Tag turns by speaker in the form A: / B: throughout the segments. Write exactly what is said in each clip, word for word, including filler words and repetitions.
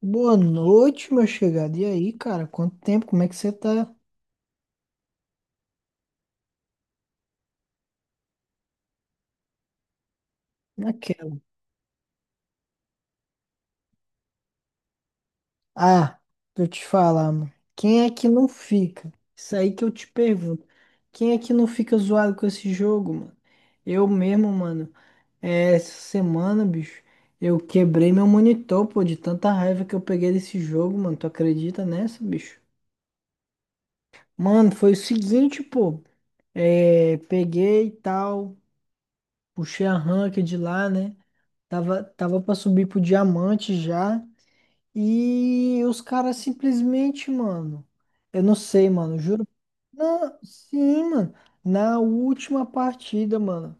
A: Boa noite, meu chegado. E aí, cara? Quanto tempo? Como é que você tá naquela? Ah, pra eu te falar, mano. Quem é que não fica? Isso aí que eu te pergunto. Quem é que não fica zoado com esse jogo, mano? Eu mesmo, mano. é, Essa semana, bicho, eu quebrei meu monitor, pô, de tanta raiva que eu peguei desse jogo, mano. Tu acredita nessa, bicho? Mano, foi o seguinte, pô. É, peguei e tal. Puxei a ranca de lá, né? Tava, tava pra subir pro diamante já. E os caras simplesmente, mano. Eu não sei, mano. Juro. Não, sim, mano. Na última partida, mano.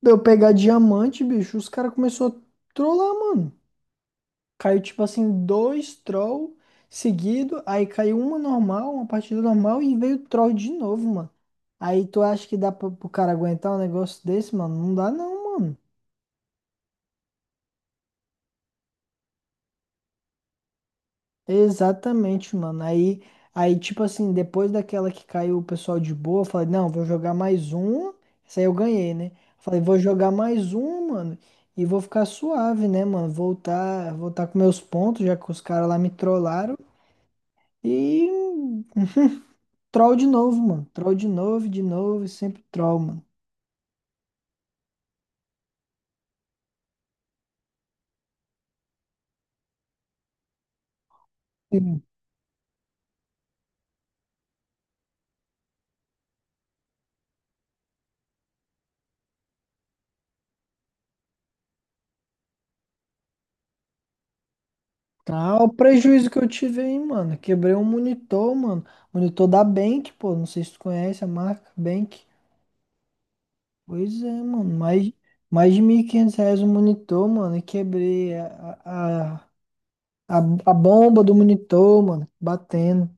A: Pra Eu pegar diamante, bicho. Os caras começou a trollar, mano. Caiu, tipo assim, dois troll seguido. Aí caiu uma normal, uma partida normal. E veio troll de novo, mano. Aí tu acha que dá pro, pro cara aguentar um negócio desse, mano? Não dá, não, mano. Exatamente, mano. Aí, aí, tipo assim, depois daquela que caiu o pessoal de boa, eu falei, não, vou jogar mais um. Essa aí eu ganhei, né? Falei, vou jogar mais um, mano, e vou ficar suave, né, mano? Voltar, voltar com meus pontos, já que os caras lá me trollaram. E troll de novo, mano. Troll de novo, de novo, e sempre troll, mano. Sim. Tá, o prejuízo que eu tive aí, mano. Quebrei um monitor, mano. Monitor da Bank, pô. Não sei se tu conhece a marca Bank. Pois é, mano. Mais, mais de mil e quinhentos reais o monitor, mano. E quebrei a, a, a, a bomba do monitor, mano. Batendo.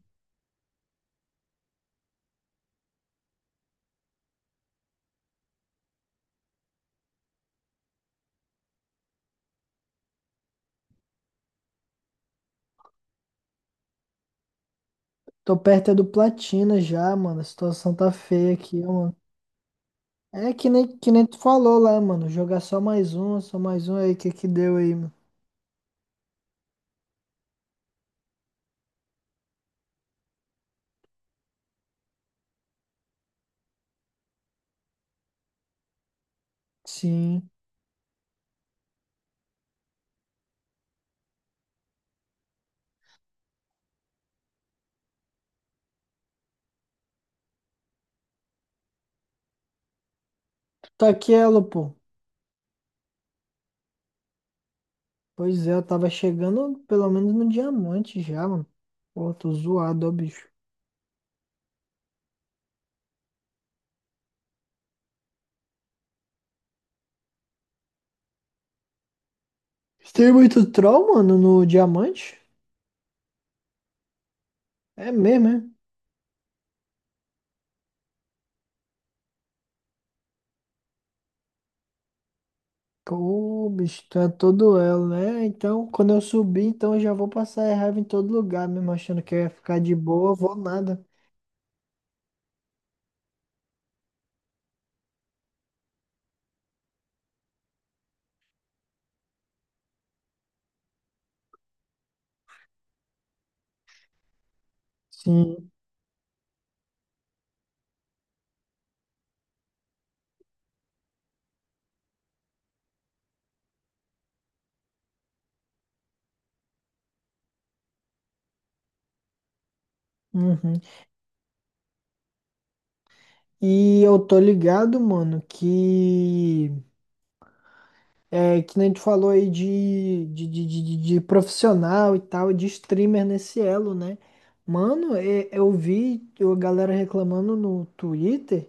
A: Tô perto é do platina já, mano. A situação tá feia aqui, ó, mano. É que nem, que nem tu falou lá, mano. Jogar só mais um, só mais um aí. O que que deu aí, mano? Sim. Tá aqui ela, pô. Pois é, eu tava chegando pelo menos no diamante já, mano. Pô, tô zoado, ó, bicho. Tem muito troll, mano, no diamante? É mesmo, é? Pô, o bicho, tu é todo elo, né? Então, quando eu subir, então eu já vou passar raiva em todo lugar, mesmo achando que eu ia ficar de boa, vou nada. Sim. Uhum. E eu tô ligado, mano, que é que nem tu falou aí de, de, de, de, de- de profissional e tal, de streamer nesse elo, né? Mano, é- eu vi a galera reclamando no Twitter.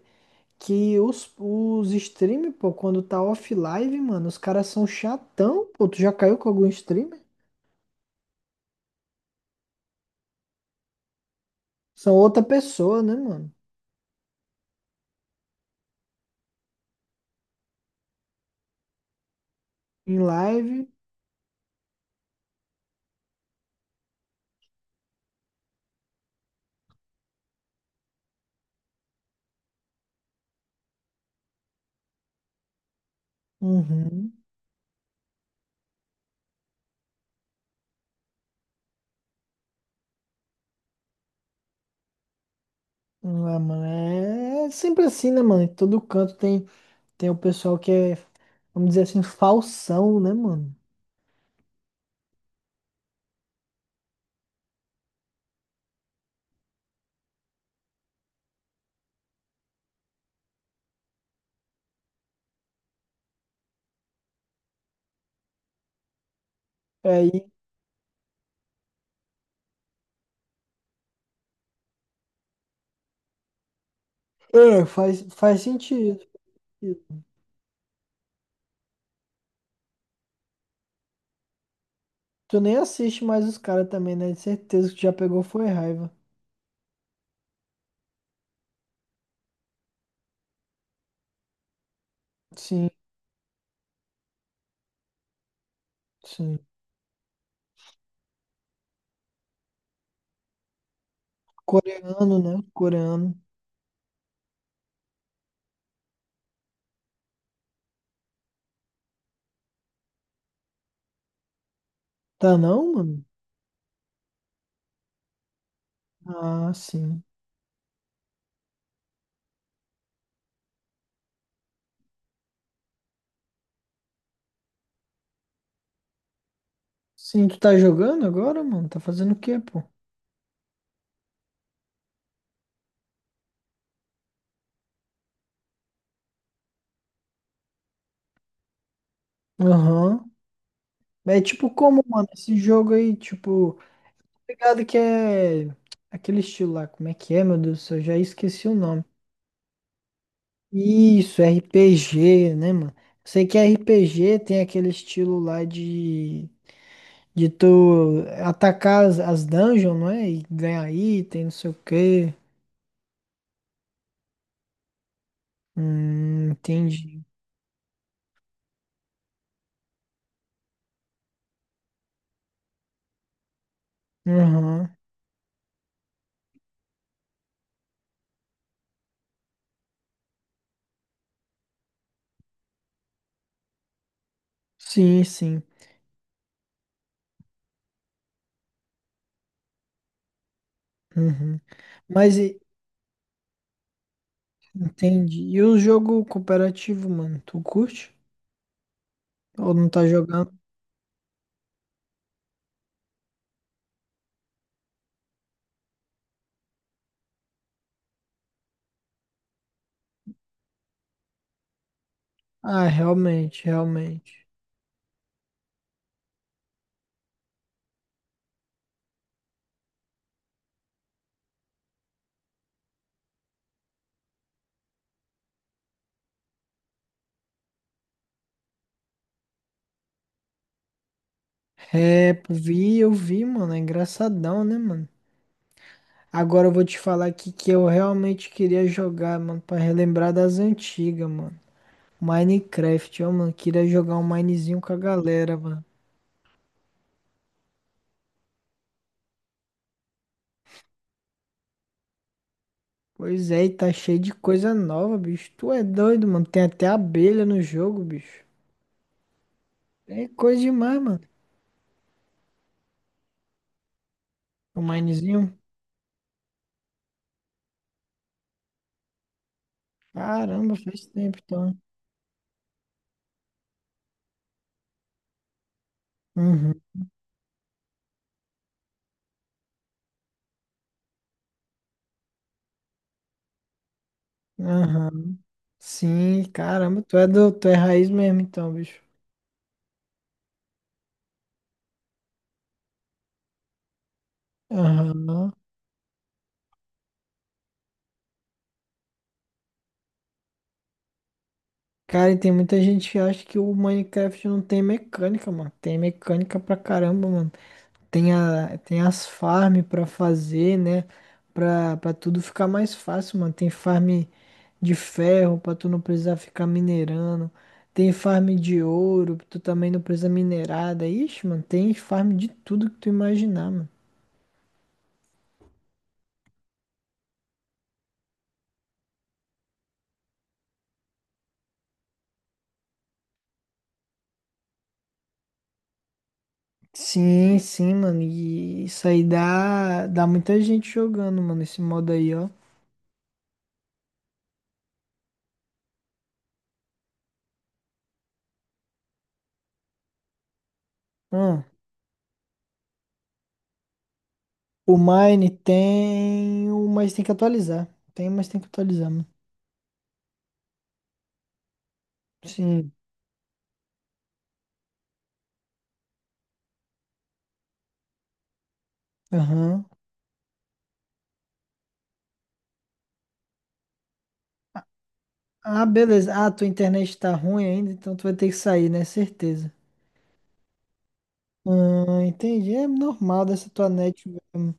A: Que os, os stream, pô, quando tá off live, mano, os caras são chatão, pô. Tu já caiu com algum streamer? São outra pessoa, né, mano? Em live. Uhum. Ah, mano, é sempre assim, né, mano? Em todo canto tem, tem o pessoal que é, vamos dizer assim, falsão, né, mano? Aí, é, faz, faz sentido. Tu nem assiste mais os caras também, né? De certeza que tu já pegou foi raiva. Sim, sim. Coreano, né? Coreano. Tá não, mano? Ah, sim. Sim, tu tá jogando agora, mano? Tá fazendo o quê, pô? Aham. É tipo como, mano, esse jogo aí, tipo, tá ligado que é aquele estilo lá, como é que é, meu Deus do céu, eu já esqueci o nome. Isso, R P G, né, mano? Sei que R P G tem aquele estilo lá de, de tu atacar as, as dungeons, não é? E ganhar item, não sei o quê. Hum, entendi. Aham. Sim, sim. Uhum. Mas e- Entendi. E o jogo cooperativo, mano, tu curte? Ou não tá jogando? Ah, realmente, realmente. É, pô, vi, eu vi, mano, é engraçadão, né, mano? Agora eu vou te falar aqui que eu realmente queria jogar, mano, pra relembrar das antigas, mano. Minecraft, ó, mano, queria jogar um Minezinho com a galera, mano. Pois é, e tá cheio de coisa nova, bicho. Tu é doido, mano, tem até abelha no jogo, bicho. É coisa demais, mano. O Minezinho. Caramba, faz tempo, então. Uhum. Aham. Sim, caramba, tu é do, tu é raiz mesmo então, bicho. Aham. Cara, e tem muita gente que acha que o Minecraft não tem mecânica, mano. Tem mecânica pra caramba, mano. Tem, a, tem as farm pra fazer, né? Pra, pra tudo ficar mais fácil, mano. Tem farm de ferro pra tu não precisar ficar minerando. Tem farm de ouro, tu também não precisa minerar. Daí, Ixi, mano, tem farm de tudo que tu imaginar, mano. Sim, sim, mano. E isso aí dá, dá muita gente jogando, mano, esse modo aí, ó. Hum. O Mine tem, o- mas tem que atualizar. Tem, mas tem que atualizar, mano. Sim. Aham. Ah, beleza. Ah, tua internet tá ruim ainda, então tu vai ter que sair, né? Certeza. Ah, entendi. É normal dessa tua net mesmo.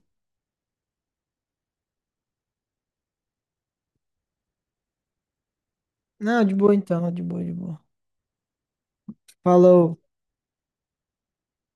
A: Não, de boa então, de boa, de boa. Falou.